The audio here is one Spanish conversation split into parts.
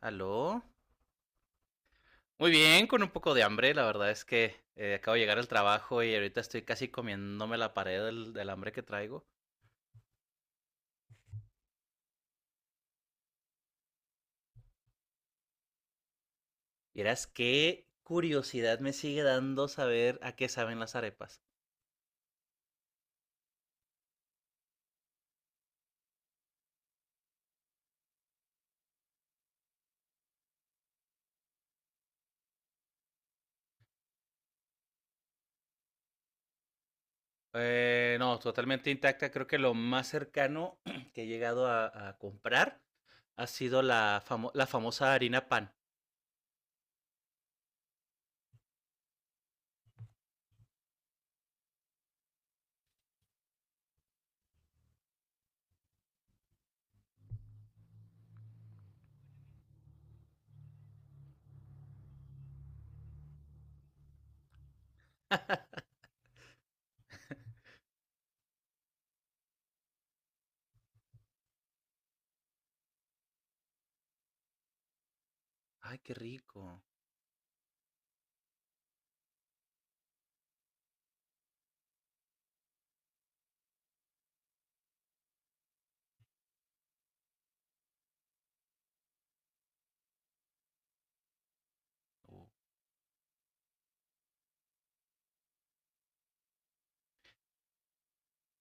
Aló. Muy bien, con un poco de hambre. La verdad es que acabo de llegar al trabajo y ahorita estoy casi comiéndome la pared del hambre que traigo. Y verás qué curiosidad me sigue dando saber a qué saben las arepas. No, totalmente intacta. Creo que lo más cercano que he llegado a comprar ha sido la famosa harina pan. Ay, qué rico.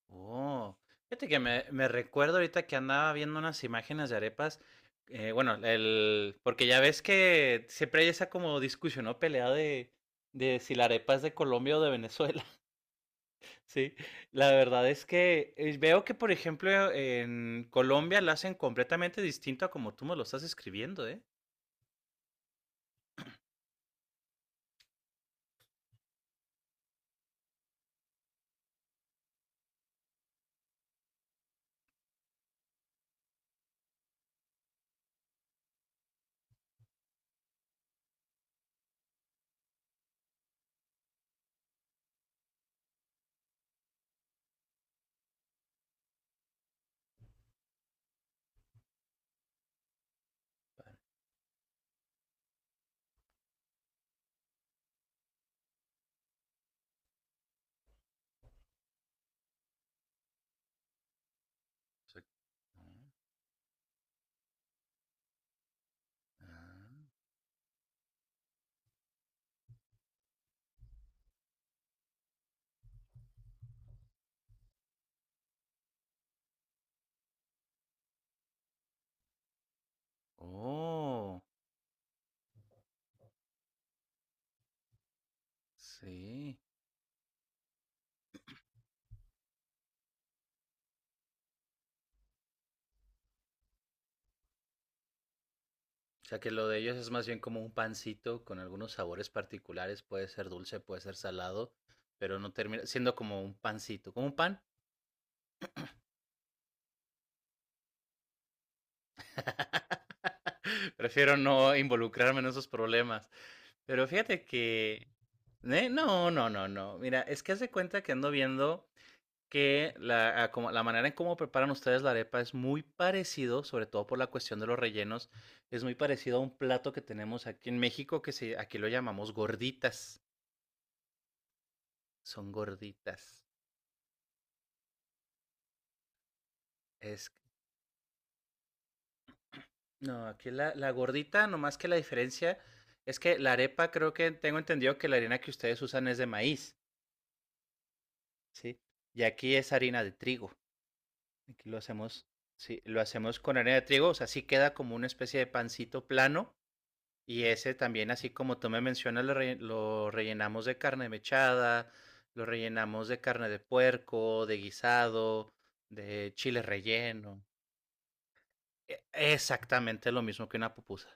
Oh, fíjate que me recuerdo ahorita que andaba viendo unas imágenes de arepas. Bueno, el, porque ya ves que siempre hay esa como discusión o pelea de si la arepa es de Colombia o de Venezuela. Sí, la verdad es que veo que, por ejemplo, en Colombia la hacen completamente distinto a como tú me lo estás escribiendo, ¿eh? O sea, ah, ah, oh, sí. O sea que lo de ellos es más bien como un pancito con algunos sabores particulares, puede ser dulce, puede ser salado, pero no termina siendo como un pancito, como un pan. Prefiero no involucrarme en esos problemas. Pero fíjate que... ¿eh? No, no, no, no. Mira, es que hace cuenta que ando viendo que la, a como- la manera en cómo preparan ustedes la arepa es muy parecido, sobre todo por la cuestión de los rellenos, es muy parecido a un plato que tenemos aquí en México que se, aquí lo llamamos gorditas. Son gorditas. Es, no, aquí la gordita, nomás que la diferencia es que la arepa creo que tengo entendido que la harina que ustedes usan es de maíz, ¿sí? Y aquí es harina de trigo. Aquí lo hacemos, sí, lo hacemos con harina de trigo, o sea, sí queda como una especie de pancito plano. Y ese también, así como tú me mencionas, lo rellenamos de carne mechada, lo rellenamos de carne de puerco, de guisado, de chile relleno. Exactamente lo mismo que una pupusa.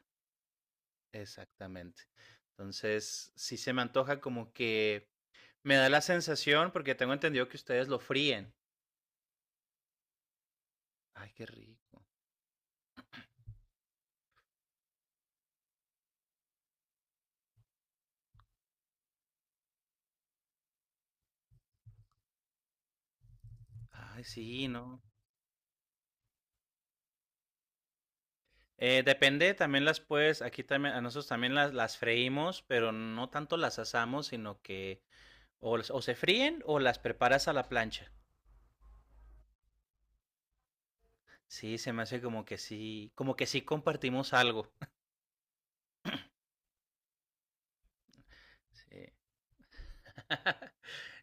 Exactamente. Entonces, sí se me antoja como que me da la sensación, porque tengo entendido que ustedes lo fríen. Ay, qué rico. Ay, sí, ¿no? Depende, también las puedes, aquí también, a nosotros también las freímos, pero no tanto las asamos, sino que o, las- o se fríen o las preparas a la plancha. Sí, se me hace como que sí compartimos algo. Sí.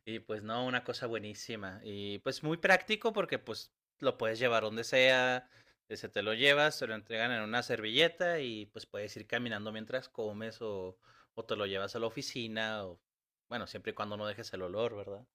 Y pues no, una cosa buenísima. Y pues muy práctico porque pues lo puedes llevar donde sea, se te lo llevas, te lo entregan en una servilleta y pues puedes ir caminando mientras comes o te lo llevas a la oficina o bueno, siempre y cuando no dejes el olor, ¿verdad?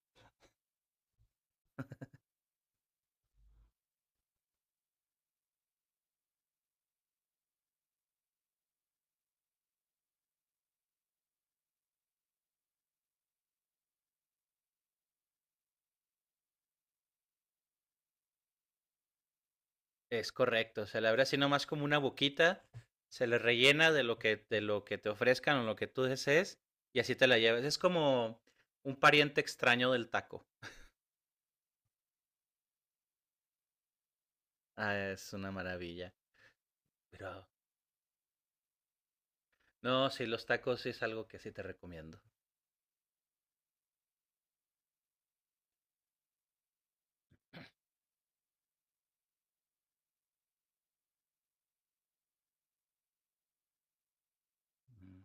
Es correcto, se le abre así nomás como una boquita, se le rellena de lo que te ofrezcan o lo que tú desees y así te la llevas. Es como un pariente extraño del taco. Ah, es una maravilla. Pero no, sí, los tacos es algo que sí te recomiendo. Mm.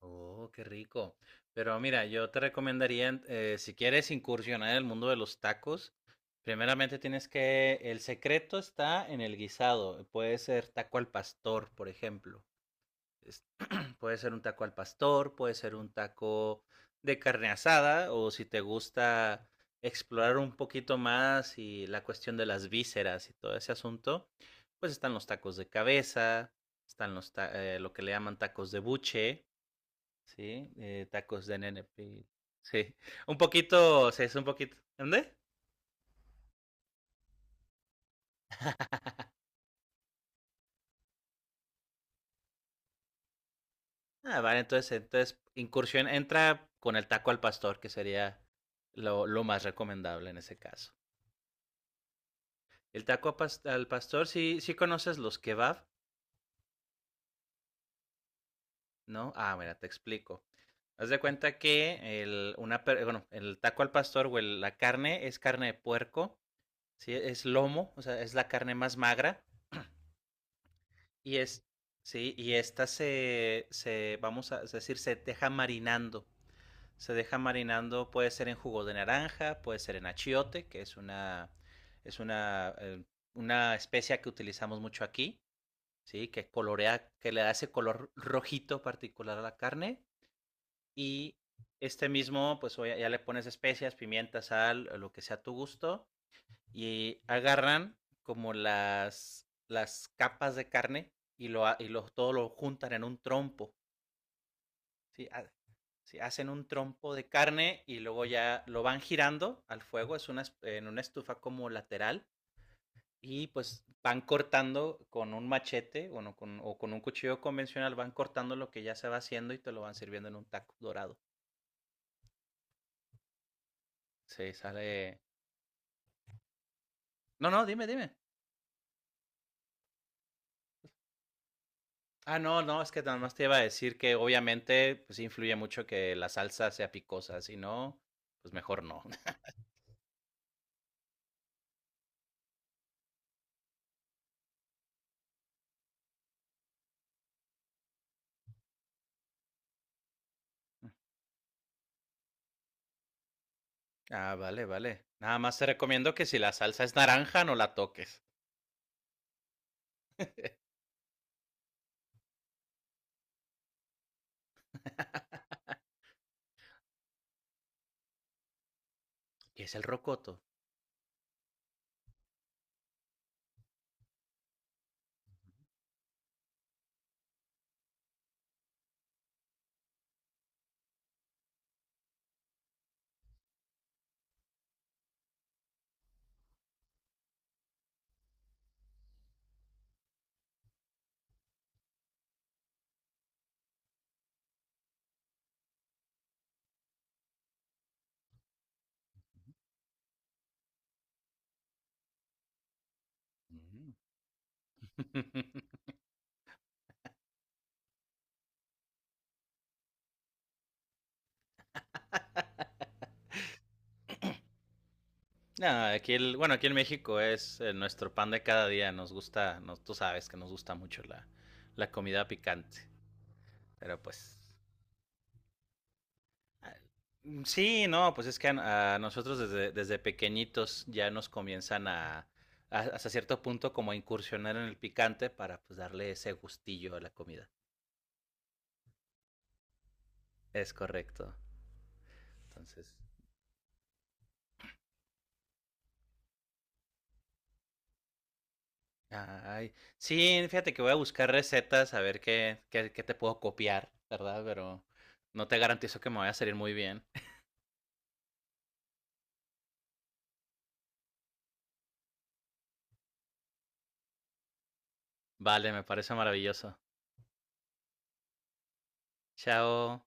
Oh, qué rico. Pero mira, yo te recomendaría, si quieres incursionar en el mundo de los tacos, primeramente tienes que, el secreto está en el guisado. Puede ser taco al pastor, por ejemplo. Puede ser un taco al pastor, puede ser un taco de carne asada, o si te gusta explorar un poquito más y la cuestión de las vísceras y todo ese asunto, pues están los tacos de cabeza, están lo que le llaman tacos de buche, ¿sí? Tacos de nene. Pi- Sí, un poquito, sí, es un poquito. ¿Dónde? Ah, vale, entonces, entonces incursión entra con el taco al pastor, que sería lo más recomendable en ese caso. El taco a pas- al pastor, sí, sí conoces los kebab, ¿no? Ah, mira, te explico. Haz de cuenta que el, una, per- bueno, el taco al pastor o el- la carne es carne de puerco, ¿sí? Es lomo, o sea, es la carne más magra y es, sí, y esta vamos a decir, se deja marinando. Se deja marinando, puede ser en jugo de naranja, puede ser en achiote, que es una especia que utilizamos mucho aquí. ¿Sí? Que colorea, que le da ese color rojito particular a la carne y este mismo, pues ya le pones especias, pimienta, sal, lo que sea a tu gusto y agarran como las capas de carne y todo lo juntan en un trompo, ¿sí? Ah, sí, hacen un trompo de carne y luego ya lo van girando al fuego, es una, en una estufa como lateral y pues van cortando con un machete o, no, con, o con un cuchillo convencional, van cortando lo que ya se va haciendo y te lo van sirviendo en un taco dorado. Sí, sale... No, no, dime, dime. Ah, no, no, es que nada más te iba a decir que obviamente pues influye mucho que la salsa sea picosa, si no, pues mejor no. Ah, vale, vale. Nada más te recomiendo que si la salsa es naranja no la toques. ¿Qué es el rocoto? Mm. No, aquí el, bueno, aquí en México es nuestro pan de cada día. Nos gusta, nos, tú sabes que nos gusta mucho la comida picante. Pero pues. Ah, mm, sí, no, pues es que a nosotros desde pequeñitos ya nos comienzan a- hasta cierto punto como a incursionar en el picante para pues darle ese gustillo a la comida. Es correcto. Entonces, ay, sí, fíjate que voy a buscar recetas a ver qué, qué, qué te puedo copiar, ¿verdad? Pero no te garantizo que me vaya a salir muy bien. Vale, me parece maravilloso. Chao.